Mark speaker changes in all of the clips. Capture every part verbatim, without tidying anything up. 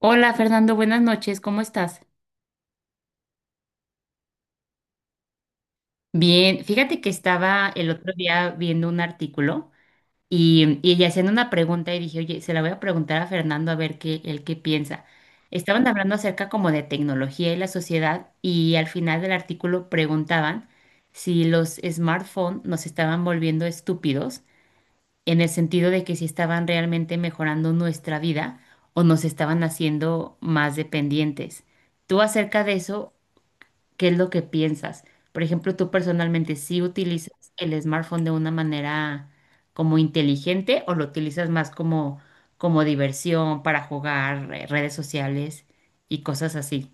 Speaker 1: Hola Fernando, buenas noches, ¿cómo estás? Bien, fíjate que estaba el otro día viendo un artículo y, y haciendo una pregunta y dije, oye, se la voy a preguntar a Fernando a ver qué, él qué piensa. Estaban hablando acerca como de tecnología y la sociedad y al final del artículo preguntaban si los smartphones nos estaban volviendo estúpidos en el sentido de que si estaban realmente mejorando nuestra vida o nos estaban haciendo más dependientes. ¿Tú acerca de eso? ¿Qué es lo que piensas? Por ejemplo, tú personalmente, ¿sí utilizas el smartphone de una manera como inteligente o lo utilizas más como, como diversión para jugar eh, redes sociales y cosas así?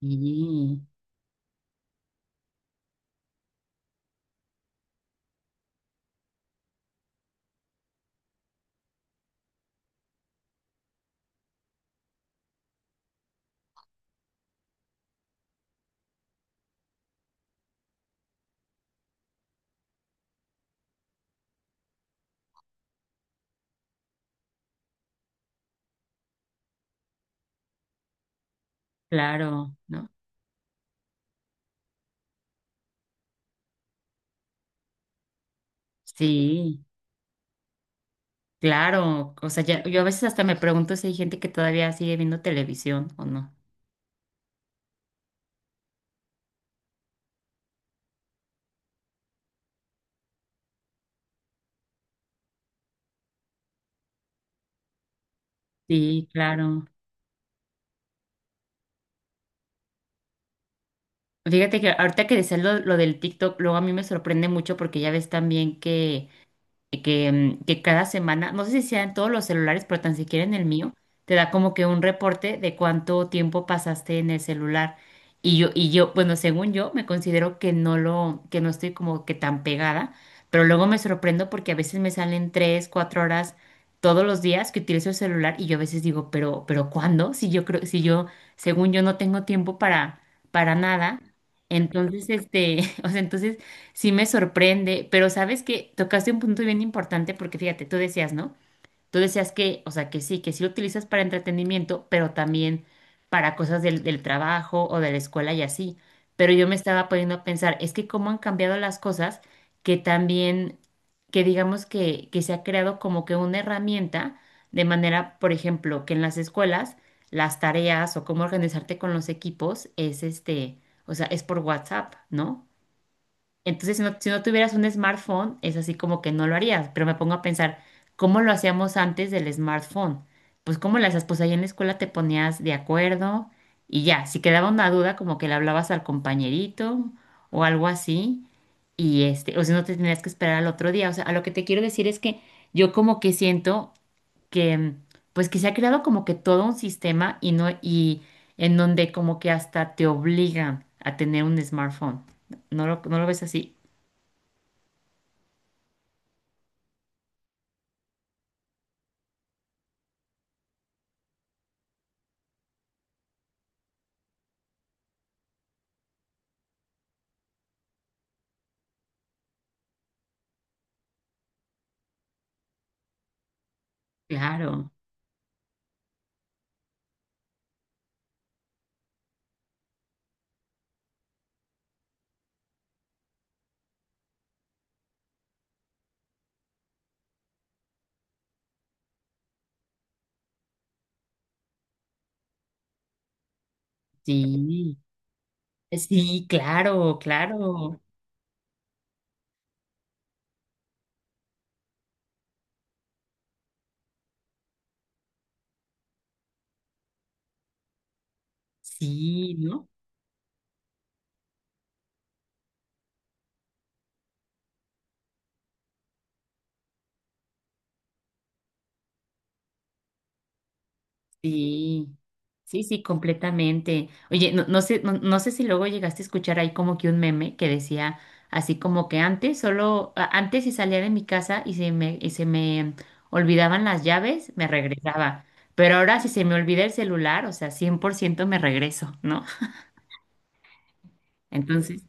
Speaker 1: Sí, claro, ¿no? Sí, claro. O sea, ya- yo a veces hasta me pregunto si hay gente que todavía sigue viendo televisión o no. Sí, claro. Fíjate que ahorita que decías lo, lo del TikTok, luego a mí me sorprende mucho porque ya ves también que que, mm, que cada semana, no sé si sea en todos los celulares, pero tan siquiera en el mío, te da como que un reporte de cuánto tiempo pasaste en el celular. Y yo, y yo, bueno, según yo, me considero que no lo, que no estoy como que tan pegada, pero luego me sorprendo porque a veces me salen tres, cuatro horas todos los días que utilizo el celular y yo a veces digo, pero, pero ¿cuándo? Si yo creo, si yo, según yo, no tengo tiempo para, para nada. Entonces, este, o sea, entonces sí me sorprende, pero sabes que tocaste un punto bien importante porque fíjate, tú decías, ¿no? Tú decías que, o sea, que sí, que sí lo utilizas para entretenimiento, pero también para cosas del, del trabajo o de la escuela y así. Pero yo me estaba poniendo a pensar, es que cómo han cambiado las cosas, que también, que digamos que, que se ha creado como que una herramienta de manera, por ejemplo, que en las escuelas las tareas o cómo organizarte con los equipos es este, o sea, es por WhatsApp, ¿no? Entonces, si no, si no tuvieras un smartphone, es así como que no lo harías. Pero me pongo a pensar, ¿cómo lo hacíamos antes del smartphone? Pues, ¿cómo las hacías? Pues ahí en la escuela te ponías de acuerdo y ya. Si quedaba una duda, como que le hablabas al compañerito o algo así. Y este, o si no te tenías que esperar al otro día. O sea, a lo que te quiero decir es que yo como que siento que, mm, pues que se ha creado como que todo un sistema y no, y en donde como que hasta te obligan a tener un smartphone. ¿No lo, no lo ves así? Claro, sí, sí, claro, claro, sí, ¿no? Sí, sí, sí, completamente. Oye, no, no sé, no, no sé si luego llegaste a escuchar ahí como que un meme que decía así como que antes, solo a- antes si salía de mi casa y se me, y se me olvidaban las llaves, me regresaba. Pero ahora si se me olvida el celular, o sea, cien por ciento me regreso, ¿no? Entonces,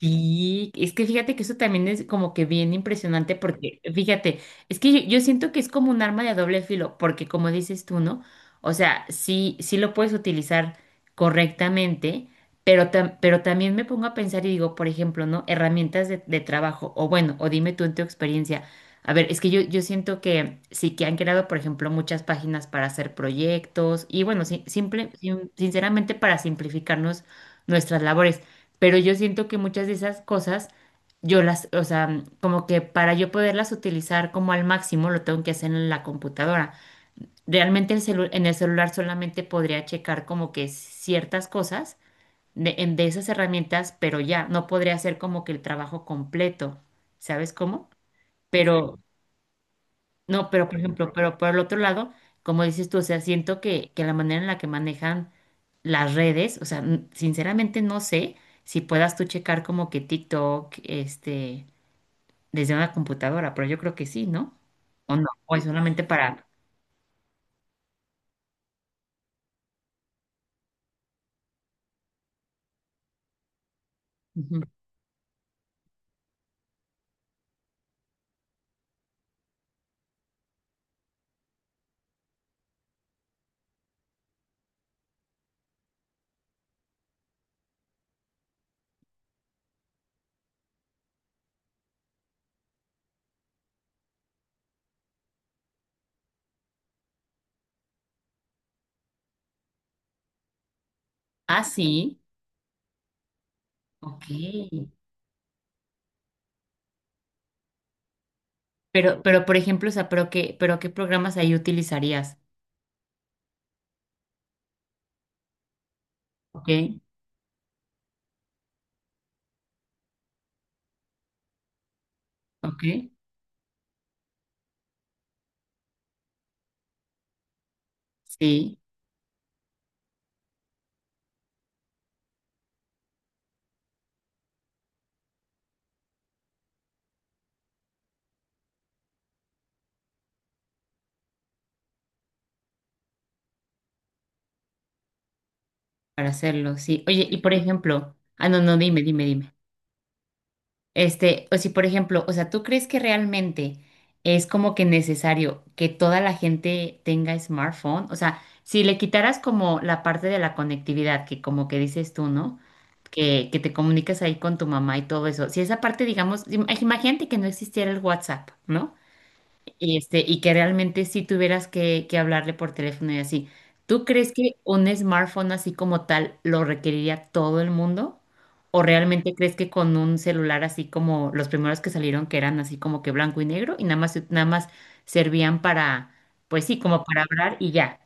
Speaker 1: sí, es que fíjate que eso también es como que bien impresionante porque, fíjate, es que yo, yo siento que es como un arma de doble filo, porque como dices tú, ¿no? O sea, sí, sí lo puedes utilizar correctamente, pero, tam- pero también me pongo a pensar y digo, por ejemplo, ¿no? Herramientas de, de trabajo, o bueno, o dime tú en tu experiencia. A ver, es que yo, yo siento que sí que han creado, por ejemplo, muchas páginas para hacer proyectos y bueno, sí, simple, sin- sinceramente para simplificarnos nuestras labores. Pero yo siento que muchas de esas cosas, yo las, o sea, como que para yo poderlas utilizar como al máximo, lo tengo que hacer en la computadora. Realmente el celu- en el celular solamente podría checar como que ciertas cosas de, en- de esas herramientas, pero ya, no podría hacer como que el trabajo completo, ¿sabes cómo? Pero, no, pero por ejemplo, pero por el otro lado, como dices tú, o sea, siento que, que la manera en la que manejan las redes, o sea, n- sinceramente no sé si puedas tú checar como que TikTok, este, desde una computadora, pero yo creo que sí, ¿no? O no, o es solamente para... Ujú. Ah, sí, ok. Pero, pero por ejemplo, o sea, pero qué, pero qué programas ahí utilizarías, ¿ok? ¿Ok? Sí, para hacerlo, sí. Oye, y por ejemplo, ah, no, no, dime, dime, dime. Este, o si por ejemplo, o sea, ¿tú crees que realmente es como que necesario que toda la gente tenga smartphone? O sea, si le quitaras como la parte de la conectividad, que como que dices tú, ¿no? Que, que te comunicas ahí con tu mamá y todo eso. Si esa parte, digamos, im- imagínate que no existiera el WhatsApp, ¿no? Y, este, y que realmente si tuvieras que, que hablarle por teléfono y así. ¿Tú crees que un smartphone así como tal lo requeriría todo el mundo? ¿O realmente crees que con un celular así como los primeros que salieron que eran así como que blanco y negro y nada más, nada más servían para, pues sí, como para hablar y ya?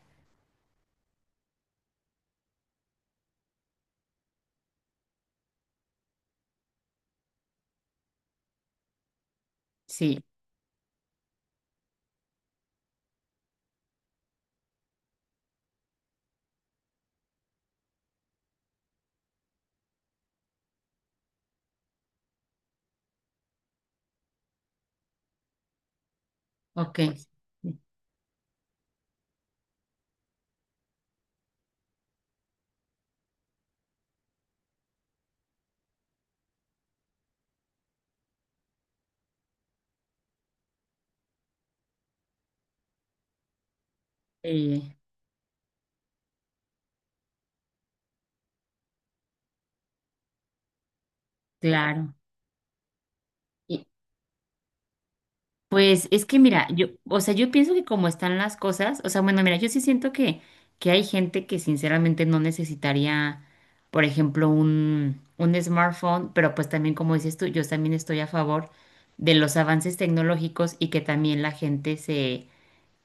Speaker 1: Sí, ok. Eh, claro. Y- pues es que mira, yo, o sea, yo pienso que como están las cosas, o sea, bueno, mira, yo sí siento que, que hay gente que sinceramente no necesitaría, por ejemplo, un, un smartphone, pero pues también como dices tú, yo también estoy a favor de los avances tecnológicos y que también la gente se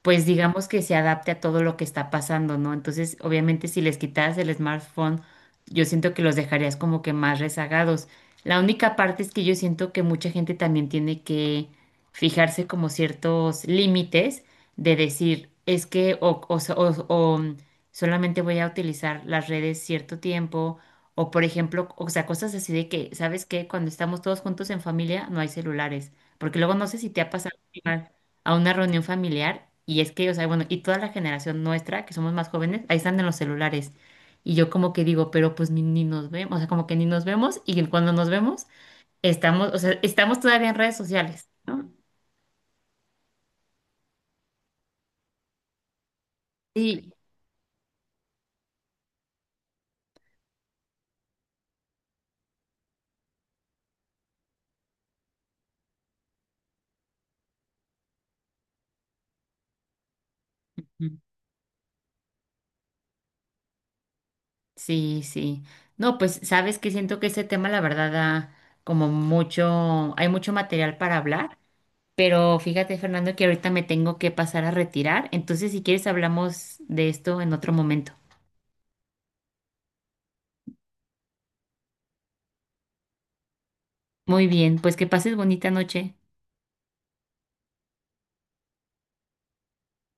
Speaker 1: pues digamos que se adapte a todo lo que está pasando, ¿no? Entonces, obviamente, si les quitaras el smartphone, yo siento que los dejarías como que más rezagados. La única parte es que yo siento que mucha gente también tiene que fijarse como ciertos límites de decir, es que o, o so- o- o, mm, solamente voy a utilizar las redes cierto tiempo, o por ejemplo, o sea, cosas así de que, ¿sabes qué? Cuando estamos todos juntos en familia, no hay celulares, porque luego no sé si te ha pasado a una reunión familiar y es que, o sea, bueno, y toda la generación nuestra, que somos más jóvenes, ahí están en los celulares. Y yo como que digo, pero pues ni, ni nos vemos, o sea, como que ni nos vemos y cuando nos vemos, estamos, o sea, estamos todavía en redes sociales, ¿no? Sí. Ujú. Sí, sí. No, pues sabes que siento que este tema, la verdad, da como mucho, hay mucho material para hablar. Pero fíjate, Fernando, que ahorita me tengo que pasar a retirar. Entonces, si quieres, hablamos de esto en otro momento. Muy bien, pues que pases bonita noche.